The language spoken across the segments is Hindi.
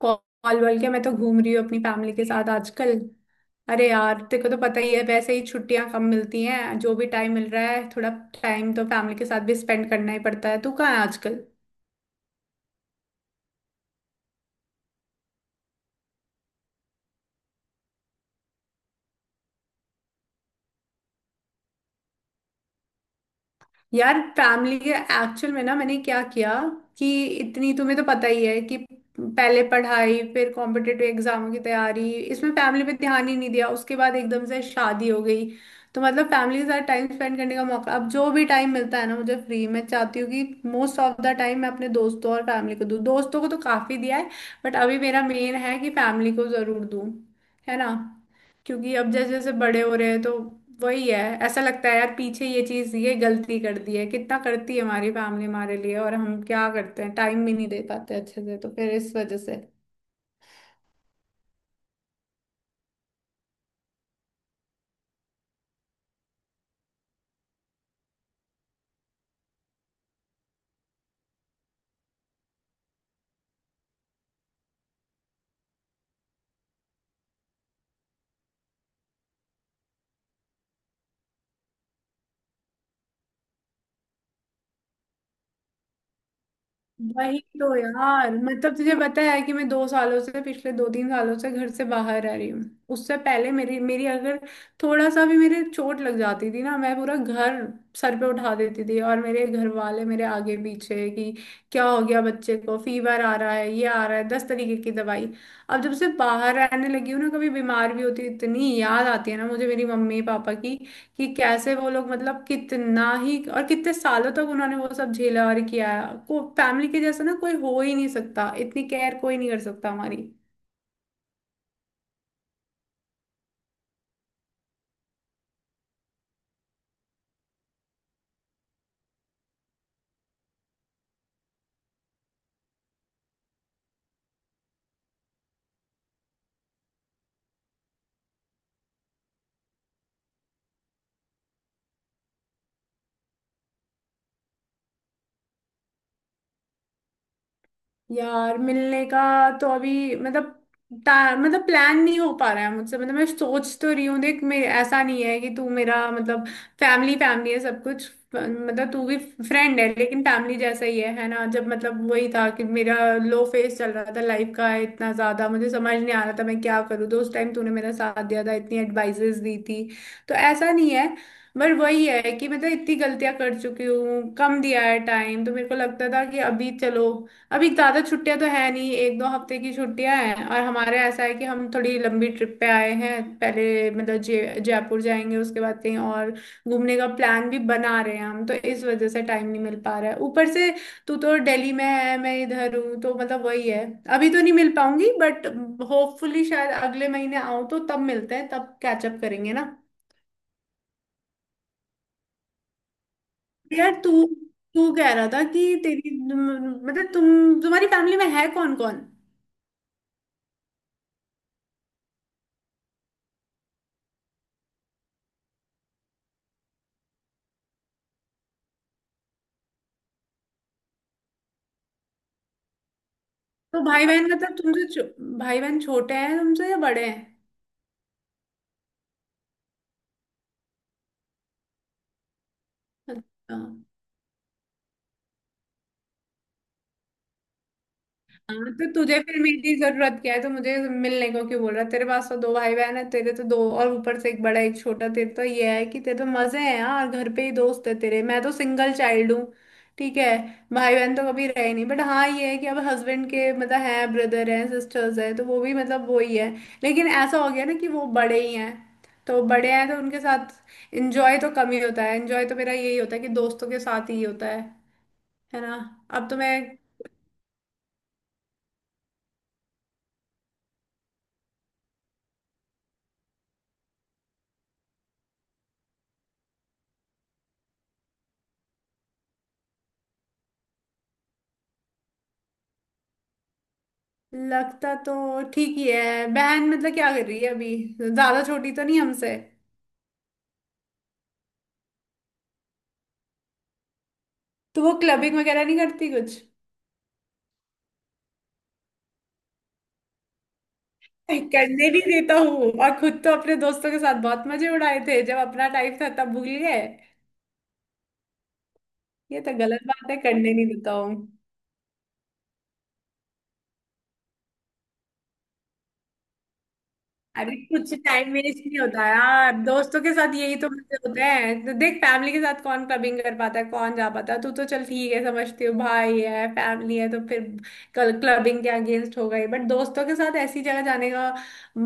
कॉल वॉल के मैं तो घूम रही हूँ अपनी फैमिली के साथ आजकल। अरे यार तेरे को तो पता ही है वैसे ही छुट्टियां कम मिलती हैं, जो भी टाइम मिल रहा है थोड़ा टाइम तो फैमिली के साथ भी स्पेंड करना ही पड़ता है। तू कहाँ है आजकल? यार फैमिली के एक्चुअल में ना मैंने क्या किया कि, इतनी तुम्हें तो पता ही है कि पहले पढ़ाई फिर कॉम्पिटेटिव एग्जामों की तैयारी, इसमें फैमिली पे ध्यान ही नहीं दिया, उसके बाद एकदम से शादी हो गई। तो मतलब फैमिली के साथ टाइम स्पेंड करने का मौका अब जो भी टाइम मिलता है ना मुझे फ्री, मैं चाहती हूँ कि मोस्ट ऑफ द टाइम मैं अपने दोस्तों और फैमिली को दूँ, दोस्तों को तो काफी दिया है बट अभी मेरा मेन है कि फैमिली को जरूर दूँ, है ना। क्योंकि अब जैसे जैसे बड़े हो रहे हैं तो वही है, ऐसा लगता है यार पीछे ये चीज ये गलती कर दी है, कितना करती है हमारी फैमिली हमारे लिए और हम क्या करते हैं, टाइम भी नहीं दे पाते अच्छे से, तो फिर इस वजह से। वही तो यार मतलब तुझे पता है कि मैं 2 सालों से, पिछले दो तीन सालों से घर से बाहर रह रही हूँ। उससे पहले मेरी मेरी अगर थोड़ा सा भी मेरे चोट लग जाती थी ना, मैं पूरा घर सर पे उठा देती थी, और मेरे घर वाले मेरे आगे पीछे कि क्या हो गया बच्चे को, फीवर आ रहा है ये आ रहा है, 10 तरीके की दवाई। अब जब से बाहर रहने लगी हूँ ना, कभी बीमार भी होती हूँ, इतनी याद आती है ना मुझे मेरी मम्मी पापा की, कि कैसे वो लोग मतलब कितना ही और कितने सालों तक उन्होंने वो सब झेला और किया। को फैमिली के जैसा ना कोई हो ही नहीं सकता, इतनी केयर कोई नहीं कर सकता हमारी। यार मिलने का तो अभी मतलब मतलब प्लान नहीं हो पा रहा है मुझसे, मतलब मैं सोच तो रही हूँ, देख मेरे ऐसा नहीं है कि तू मेरा मतलब, फैमिली फैमिली है सब कुछ, मतलब तू भी फ्रेंड है लेकिन फैमिली जैसा ही है ना। जब मतलब वही था कि मेरा लो फेस चल रहा था लाइफ का, इतना ज्यादा मुझे समझ नहीं आ रहा था मैं क्या करूँ, तो उस टाइम तूने मेरा साथ दिया था, इतनी एडवाइजेस दी थी, तो ऐसा नहीं है। पर वही है कि मतलब इतनी गलतियां कर चुकी हूँ, कम दिया है टाइम, तो मेरे को लगता था कि अभी चलो, अभी ज्यादा छुट्टियां तो है नहीं, एक दो हफ्ते की छुट्टियां हैं और हमारे ऐसा है कि हम थोड़ी लंबी ट्रिप पे आए हैं। पहले मतलब जय जयपुर जाएंगे उसके बाद कहीं और घूमने का प्लान भी बना रहे हैं हम, तो इस वजह से टाइम नहीं मिल पा रहा है ऊपर से। तू तो दिल्ली में है मैं इधर हूँ, तो मतलब वही है, अभी तो नहीं मिल पाऊंगी, बट होपफुली शायद अगले महीने आऊँ, तो तब मिलते हैं तब कैचअप करेंगे ना। यार तू तू कह रहा था कि तेरी मतलब तुम्हारी फैमिली में है कौन कौन? तो भाई बहन मतलब तुमसे भाई बहन छोटे हैं तुमसे या बड़े हैं? अच्छा, हाँ तो तुझे फिर मेरी जरूरत क्या है, तो मुझे मिलने को क्यों बोल रहा है? तेरे पास तो दो भाई बहन है, तेरे तो दो और ऊपर से एक बड़ा एक छोटा, तेरे तो ये है कि तेरे तो मजे हैं यार, घर पे ही दोस्त है तेरे, मैं तो सिंगल चाइल्ड हूँ। ठीक है, भाई बहन तो कभी रहे नहीं, बट हाँ ये है कि अब हस्बैंड के मतलब हैं, ब्रदर हैं सिस्टर्स हैं, तो वो भी मतलब वो ही है। लेकिन ऐसा हो गया ना कि वो बड़े ही हैं, तो बड़े हैं तो उनके साथ एंजॉय तो कम ही होता है, एंजॉय तो मेरा यही होता है कि दोस्तों के साथ ही होता है ना। अब तो मैं, लगता तो ठीक ही है। बहन मतलब क्या कर रही है अभी, ज्यादा छोटी तो नहीं हमसे? तो वो क्लबिंग वगैरह नहीं करती कुछ? करने नहीं देता हूँ, और खुद तो अपने दोस्तों के साथ बहुत मजे उड़ाए थे जब अपना टाइम था, तब भूल गए। ये तो गलत बात है करने नहीं देता हूँ। अरे कुछ टाइम वेस्ट नहीं होता यार दोस्तों के साथ, यही तो मजे होते हैं, तो देख फैमिली के साथ कौन क्लबिंग कर पाता है, कौन जा पाता है, तू तो चल ठीक है समझती हो, भाई है फैमिली है तो फिर कल क्लबिंग के अगेंस्ट हो गई, बट दोस्तों के साथ ऐसी जगह जाने का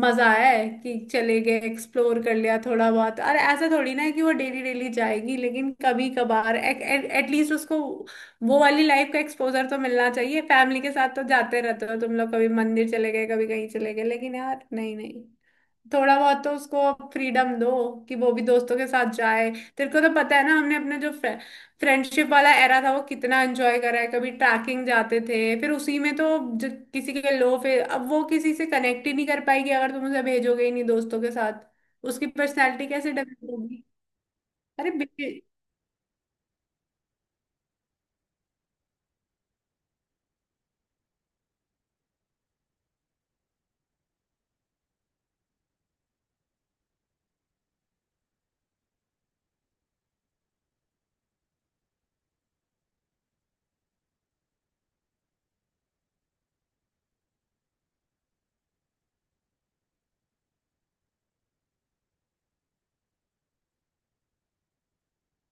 मजा है कि चले गए एक्सप्लोर कर लिया थोड़ा बहुत। अरे ऐसा थोड़ी ना है कि वो डेली डेली जाएगी, लेकिन कभी कभार एटलीस्ट उसको वो वाली लाइफ का एक्सपोजर तो मिलना चाहिए, फैमिली के साथ तो जाते रहते हो तुम लोग कभी मंदिर चले गए कभी कहीं चले गए, लेकिन यार नहीं नहीं, थोड़ा बहुत तो उसको फ्रीडम दो कि वो भी दोस्तों के साथ जाए। तेरे को तो पता है ना हमने अपने जो फ्रेंडशिप वाला एरा था वो कितना एंजॉय करा है, कभी ट्रैकिंग जाते थे फिर उसी में तो किसी के लो, फिर अब वो किसी से कनेक्ट ही नहीं कर पाएगी अगर तुम उसे भेजोगे ही नहीं दोस्तों के साथ, उसकी पर्सनैलिटी कैसे डेवलप होगी? अरे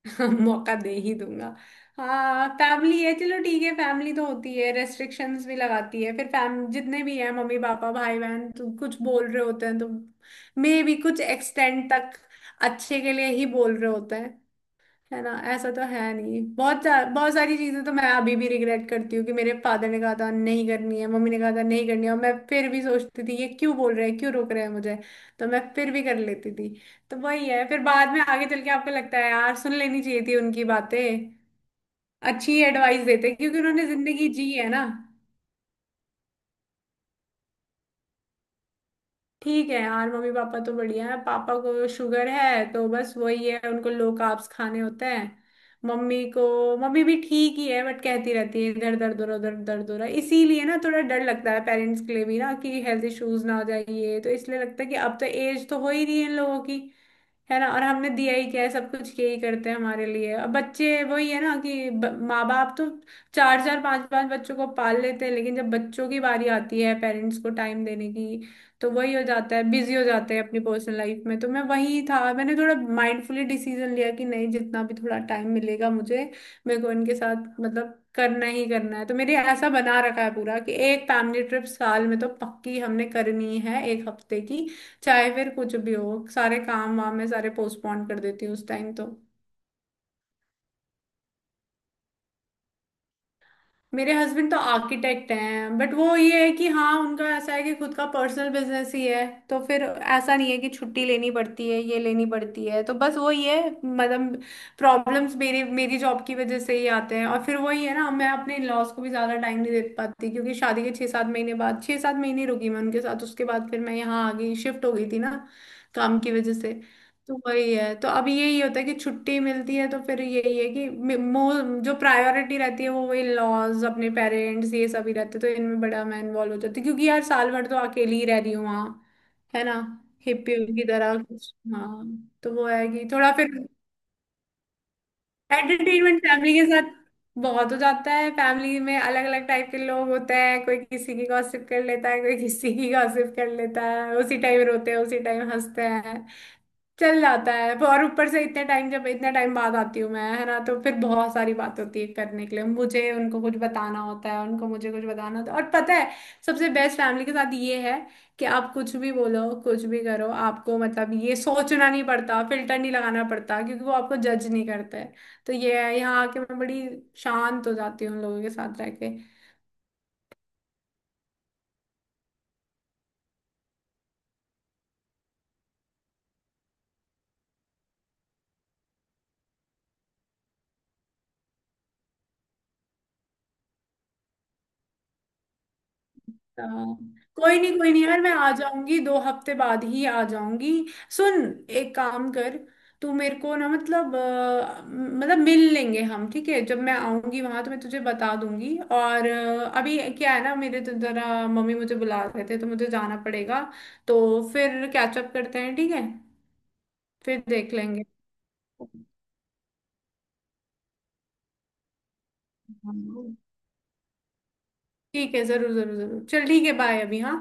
मौका दे ही दूंगा। हाँ फैमिली है, चलो ठीक है, फैमिली तो होती है रेस्ट्रिक्शंस भी लगाती है, फिर फैम जितने भी हैं मम्मी पापा भाई बहन, तो कुछ बोल रहे होते हैं तो मे भी कुछ एक्सटेंड तक अच्छे के लिए ही बोल रहे होते हैं, है ना। ऐसा तो है नहीं, बहुत सारी चीजें तो मैं अभी भी रिग्रेट करती हूँ कि मेरे फादर ने कहा था नहीं करनी है, मम्मी ने कहा था नहीं करनी है, और मैं फिर भी सोचती थी ये क्यों बोल रहे हैं क्यों रोक रहे हैं मुझे, तो मैं फिर भी कर लेती थी। तो वही है फिर बाद में आगे चल के आपको लगता है यार सुन लेनी चाहिए थी उनकी बातें, अच्छी एडवाइस देते क्योंकि उन्होंने जिंदगी जी है ना। ठीक है यार, मम्मी पापा तो बढ़िया है, पापा को शुगर है तो बस वही है उनको लो कार्ब्स खाने होते हैं, मम्मी को, मम्मी भी ठीक ही है बट कहती रहती है इधर दर्द हो रहा उधर दर्द हो रहा, इसीलिए ना थोड़ा डर लगता है पेरेंट्स के लिए भी ना कि हेल्थ इश्यूज ना हो जाए, ये तो इसलिए लगता है कि अब तो एज तो हो ही रही है इन लोगों की, है ना। और हमने दिया ही क्या है, सब कुछ यही करते हैं हमारे लिए, अब बच्चे वही है ना कि माँ बाप तो चार चार पांच पांच बच्चों को पाल लेते हैं लेकिन जब बच्चों की बारी आती है पेरेंट्स को टाइम देने की तो वही हो जाता है, बिजी हो जाते हैं अपनी पर्सनल लाइफ में। तो मैं वही था मैंने थोड़ा माइंडफुली डिसीजन लिया कि नहीं, जितना भी थोड़ा टाइम मिलेगा मुझे, मेरे को इनके साथ मतलब करना ही करना है, तो मेरे ऐसा बना रखा है पूरा कि एक फैमिली ट्रिप साल में तो पक्की हमने करनी है एक हफ्ते की, चाहे फिर कुछ भी हो, सारे काम वाम मैं सारे पोस्टपोन कर देती हूँ उस टाइम तो। मेरे हस्बैंड तो आर्किटेक्ट हैं, बट वो ये है कि हाँ, उनका ऐसा है कि खुद का पर्सनल बिजनेस ही है, तो फिर ऐसा नहीं है कि छुट्टी लेनी पड़ती है ये लेनी पड़ती है, तो बस वो ये है मतलब प्रॉब्लम्स मेरे मेरी जॉब की वजह से ही आते हैं। और फिर वही है ना मैं अपने लॉस को भी ज़्यादा टाइम नहीं दे पाती, क्योंकि शादी के छः सात महीने बाद, छः सात महीने रुकी मैं उनके साथ, उसके बाद फिर मैं यहाँ आ गई शिफ्ट हो गई थी ना काम की वजह से। तो वही है, तो अभी यही होता है कि छुट्टी मिलती है तो फिर यही है कि मे- मो जो प्रायोरिटी रहती है वो वही लॉज अपने पेरेंट्स ये सभी रहते, तो इनमें बड़ा मैं इन्वॉल्व हो जाती हूँ। क्योंकि यार साल भर तो अकेली ही रह रही हूँ वहाँ, है ना, हिप्पी की तरह कुछ। हाँ तो वो है कि थोड़ा फिर एंटरटेनमेंट फैमिली के साथ बहुत हो जाता है, फैमिली में अलग अलग टाइप के लोग होते हैं, कोई किसी की गॉसिप कर लेता है कोई किसी की गॉसिप कर लेता है, उसी टाइम रोते हैं उसी टाइम हंसते हैं, चल जाता है। पर और ऊपर से इतने टाइम, जब इतने टाइम बाद आती हूँ मैं है ना, तो फिर बहुत सारी बात होती है करने के लिए, मुझे उनको कुछ बताना होता है उनको मुझे कुछ बताना होता है। और पता है सबसे बेस्ट फैमिली के साथ ये है कि आप कुछ भी बोलो कुछ भी करो आपको मतलब ये सोचना नहीं पड़ता, फिल्टर नहीं लगाना पड़ता क्योंकि वो आपको जज नहीं करते। तो ये है यहाँ आके मैं बड़ी शांत हो जाती हूँ उन लोगों के साथ रह के। हाँ, कोई नहीं यार, मैं आ जाऊंगी 2 हफ्ते बाद ही आ जाऊंगी। सुन एक काम कर, तू मेरे को ना मतलब मतलब मिल लेंगे हम, ठीक है, जब मैं आऊंगी वहां तो मैं तुझे बता दूंगी, और अभी क्या है ना मेरे तो जरा मम्मी मुझे बुला रहे थे तो मुझे जाना पड़ेगा, तो फिर कैचअप करते हैं ठीक है, फिर देख लेंगे। ठीक है जरूर जरूर जरूर, चल ठीक है, बाय अभी हाँ।